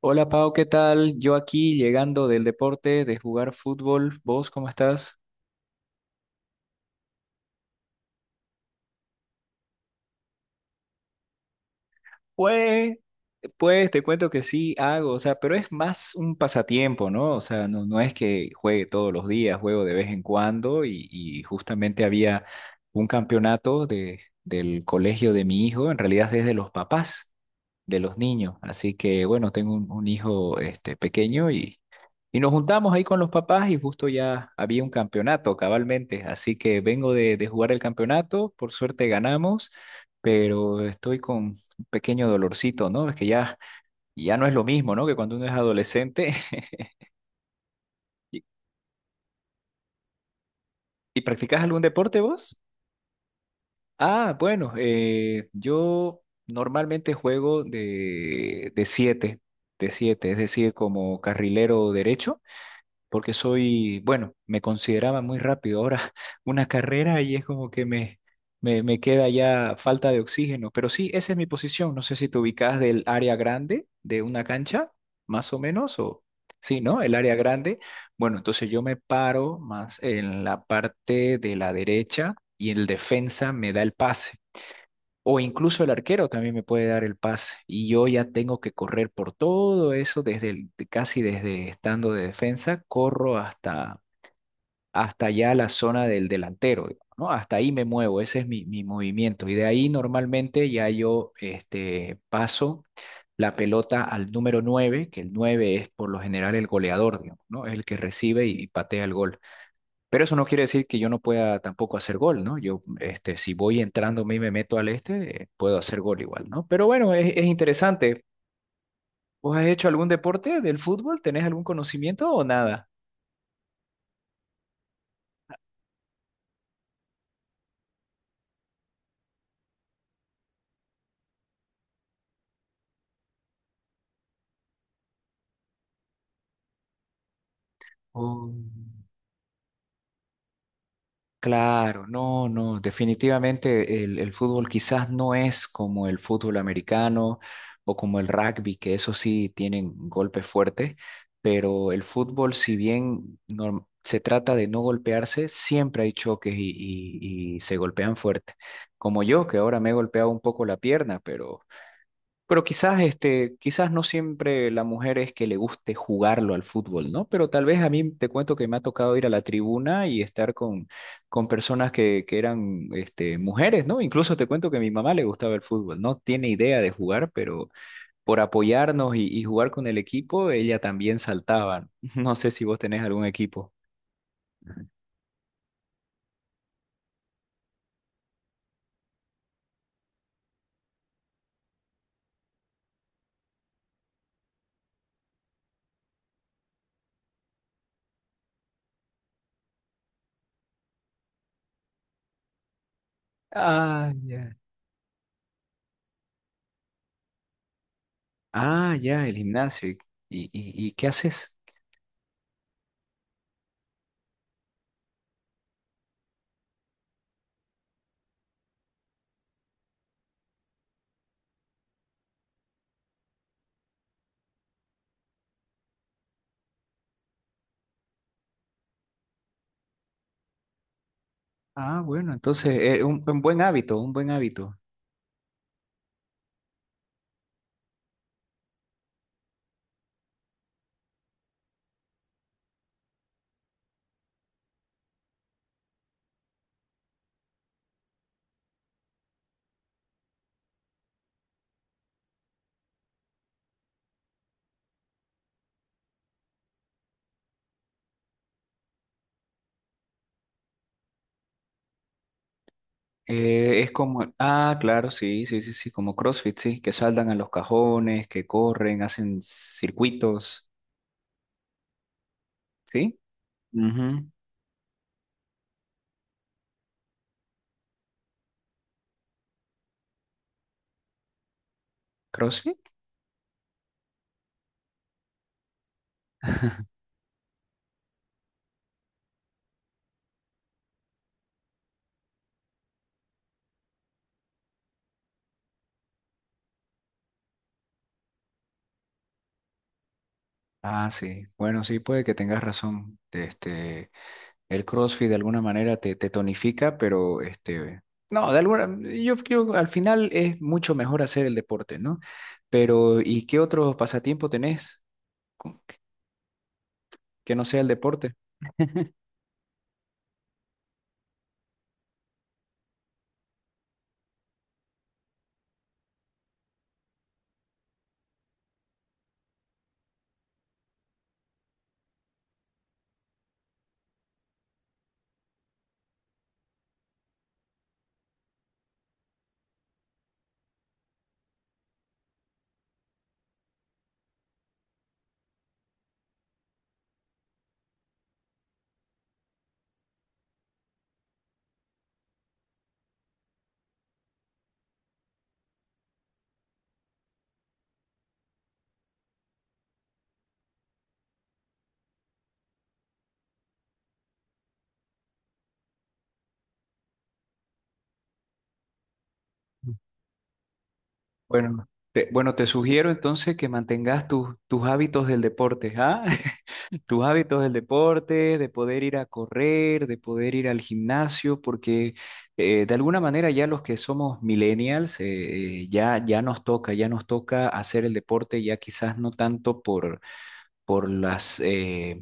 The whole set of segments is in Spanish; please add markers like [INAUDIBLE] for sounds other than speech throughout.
Hola Pau, ¿qué tal? Yo aquí llegando del deporte, de jugar fútbol. ¿Vos cómo estás? Pues, pues te cuento que sí hago, o sea, pero es más un pasatiempo, ¿no? O sea, no, no es que juegue todos los días, juego de vez en cuando y justamente había un campeonato del colegio de mi hijo, en realidad es de los papás de los niños, así que bueno, tengo un hijo este, pequeño y nos juntamos ahí con los papás y justo ya había un campeonato cabalmente, así que vengo de jugar el campeonato, por suerte ganamos, pero estoy con pequeño dolorcito, ¿no? Es que ya, ya no es lo mismo, ¿no? Que cuando uno es adolescente. [LAUGHS] ¿Y, y practicas algún deporte vos? Ah, bueno, yo normalmente juego de siete, es decir, como carrilero derecho. Porque soy, bueno, me consideraba muy rápido. Ahora [LAUGHS] una carrera y es como que me queda ya falta de oxígeno. Pero sí, esa es mi posición. No sé si te ubicas del área grande de una cancha, más o menos, o sí, ¿no? El área grande. Bueno, entonces yo me paro más en la parte de la derecha y el defensa me da el pase. O incluso el arquero también me puede dar el pase y yo ya tengo que correr por todo eso desde casi desde estando de defensa, corro hasta ya la zona del delantero, digamos, ¿no? Hasta ahí me muevo, ese es mi movimiento y de ahí normalmente ya yo este paso la pelota al número nueve, que el 9 es por lo general el goleador, digamos, ¿no? Es el que recibe y patea el gol. Pero eso no quiere decir que yo no pueda tampoco hacer gol, ¿no? Yo, este, si voy entrando y me meto al este, puedo hacer gol igual, ¿no? Pero bueno, es interesante. ¿Vos has hecho algún deporte del fútbol? ¿Tenés algún conocimiento o nada? Oh. Claro, no, no, definitivamente el fútbol quizás no es como el fútbol americano o como el rugby, que eso sí tienen golpes fuertes, pero el fútbol, si bien se trata de no golpearse, siempre hay choques y se golpean fuerte. Como yo, que ahora me he golpeado un poco la pierna, pero quizás, este, quizás no siempre la mujer es que le guste jugarlo al fútbol, ¿no? Pero tal vez a mí te cuento que me ha tocado ir a la tribuna y estar con personas que eran, este, mujeres, ¿no? Incluso te cuento que a mi mamá le gustaba el fútbol, no tiene idea de jugar, pero por apoyarnos y jugar con el equipo, ella también saltaba. [LAUGHS] No sé si vos tenés algún equipo. Ah, ya. Ah, ya, el gimnasio. ¿Y qué haces? Ah, bueno, entonces, un buen hábito, un buen hábito. Es como, ah, claro, sí, sí, sí, sí, como CrossFit, sí, que saltan a los cajones, que corren, hacen circuitos, ¿sí? Ujú. ¿CrossFit? Ah, sí. Bueno, sí, puede que tengas razón. Este, el CrossFit de alguna manera te tonifica, pero este, no, de alguna, yo al final es mucho mejor hacer el deporte, ¿no? Pero, ¿y qué otros pasatiempos tenés con- que que no sea el deporte? Bueno, te sugiero entonces que mantengas tus hábitos del deporte, ¿ah? [LAUGHS] Tus hábitos del deporte, de poder ir a correr, de poder ir al gimnasio, porque de alguna manera ya los que somos millennials, ya, ya nos toca hacer el deporte, ya quizás no tanto por, por las, eh,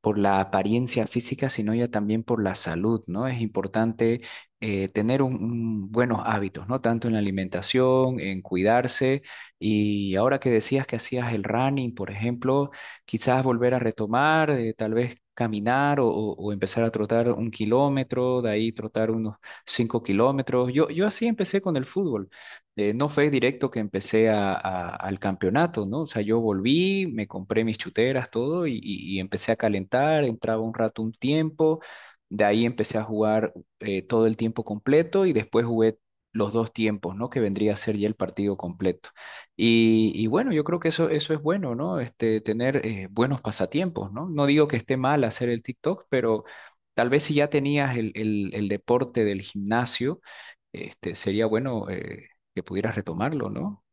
por la apariencia física, sino ya también por la salud, ¿no? Es importante tener un buenos hábitos, ¿no? Tanto en la alimentación, en cuidarse. Y ahora que decías que hacías el running, por ejemplo, quizás volver a retomar, tal vez caminar o empezar a trotar un kilómetro, de ahí trotar unos 5 kilómetros. Yo así empecé con el fútbol, no fue directo que empecé al campeonato, ¿no? O sea, yo volví, me compré mis chuteras, todo, y empecé a calentar, entraba un rato un tiempo, de ahí empecé a jugar todo el tiempo completo y después jugué los dos tiempos, ¿no? Que vendría a ser ya el partido completo. Y bueno, yo creo que eso es bueno, ¿no? Este, tener buenos pasatiempos, ¿no? No digo que esté mal hacer el TikTok, pero tal vez si ya tenías el deporte del gimnasio, este, sería bueno que pudieras retomarlo, ¿no?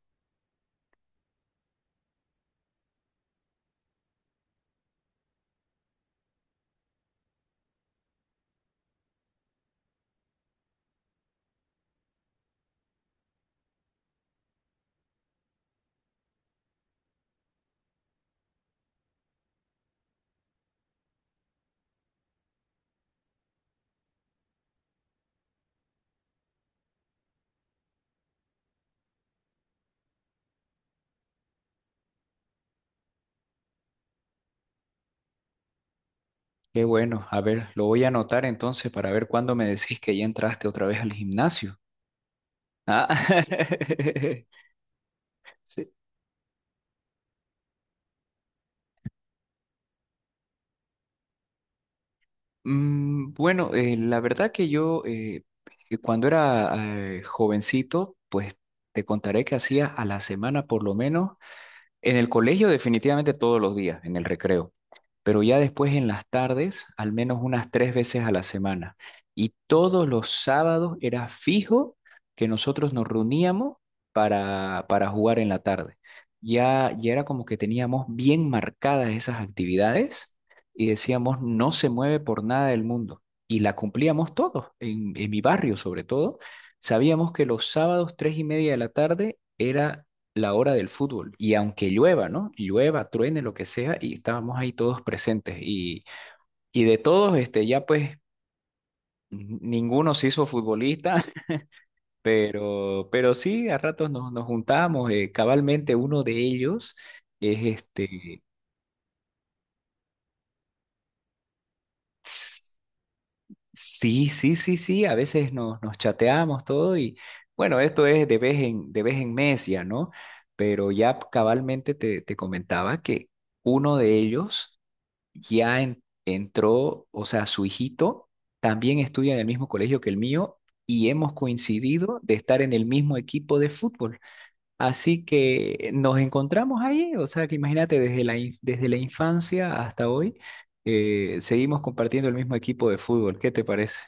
Qué bueno, a ver, lo voy a anotar entonces para ver cuándo me decís que ya entraste otra vez al gimnasio. Ah, [LAUGHS] sí. Mm, bueno, la verdad que yo que cuando era jovencito, pues te contaré que hacía a la semana por lo menos. En el colegio definitivamente todos los días, en el recreo, pero ya después en las tardes, al menos unas 3 veces a la semana. Y todos los sábados era fijo que nosotros nos reuníamos para jugar en la tarde. Ya, ya era como que teníamos bien marcadas esas actividades y decíamos, no se mueve por nada del mundo. Y la cumplíamos todos, en mi barrio sobre todo. Sabíamos que los sábados, 3:30 de la tarde, era la hora del fútbol. Y aunque llueva, ¿no? Llueva, truene, lo que sea, y estábamos ahí todos presentes. Y de todos, este, ya pues ninguno se hizo futbolista, [LAUGHS] pero sí, a ratos nos juntamos. Cabalmente uno de ellos es este... s- Sí, sí, sí, sí, a veces nos chateamos todo y bueno, esto es de vez en mes ya, ¿no? Pero ya cabalmente te comentaba que uno de ellos ya entró, o sea, su hijito también estudia en el mismo colegio que el mío y hemos coincidido de estar en el mismo equipo de fútbol. Así que nos encontramos ahí, o sea, que imagínate, desde desde la infancia hasta hoy, seguimos compartiendo el mismo equipo de fútbol. ¿Qué te parece?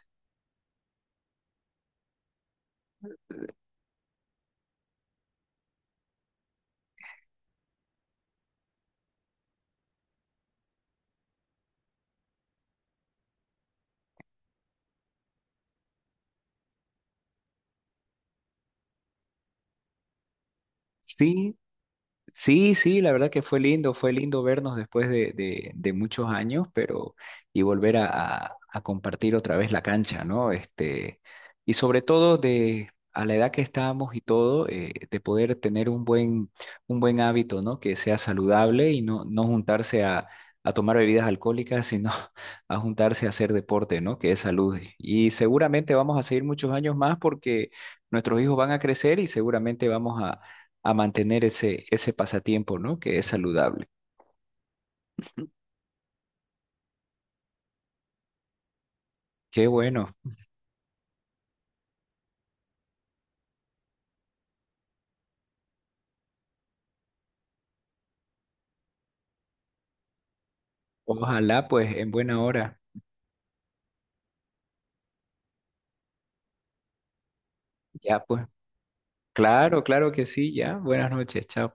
Sí, sí, sí, la verdad que fue lindo vernos después de muchos años, pero y volver a compartir otra vez la cancha, ¿no? Este, y sobre todo de a la edad que estábamos y todo, de poder tener un buen hábito, ¿no? Que sea saludable y no, no juntarse a tomar bebidas alcohólicas, sino [LAUGHS] a juntarse a hacer deporte, ¿no? Que es salud. Y seguramente vamos a seguir muchos años más porque nuestros hijos van a crecer y seguramente vamos a mantener ese pasatiempo, ¿no? Que es saludable. Qué bueno. Ojalá, pues, en buena hora. Ya, pues. Claro, claro que sí, ya. Buenas noches, chao.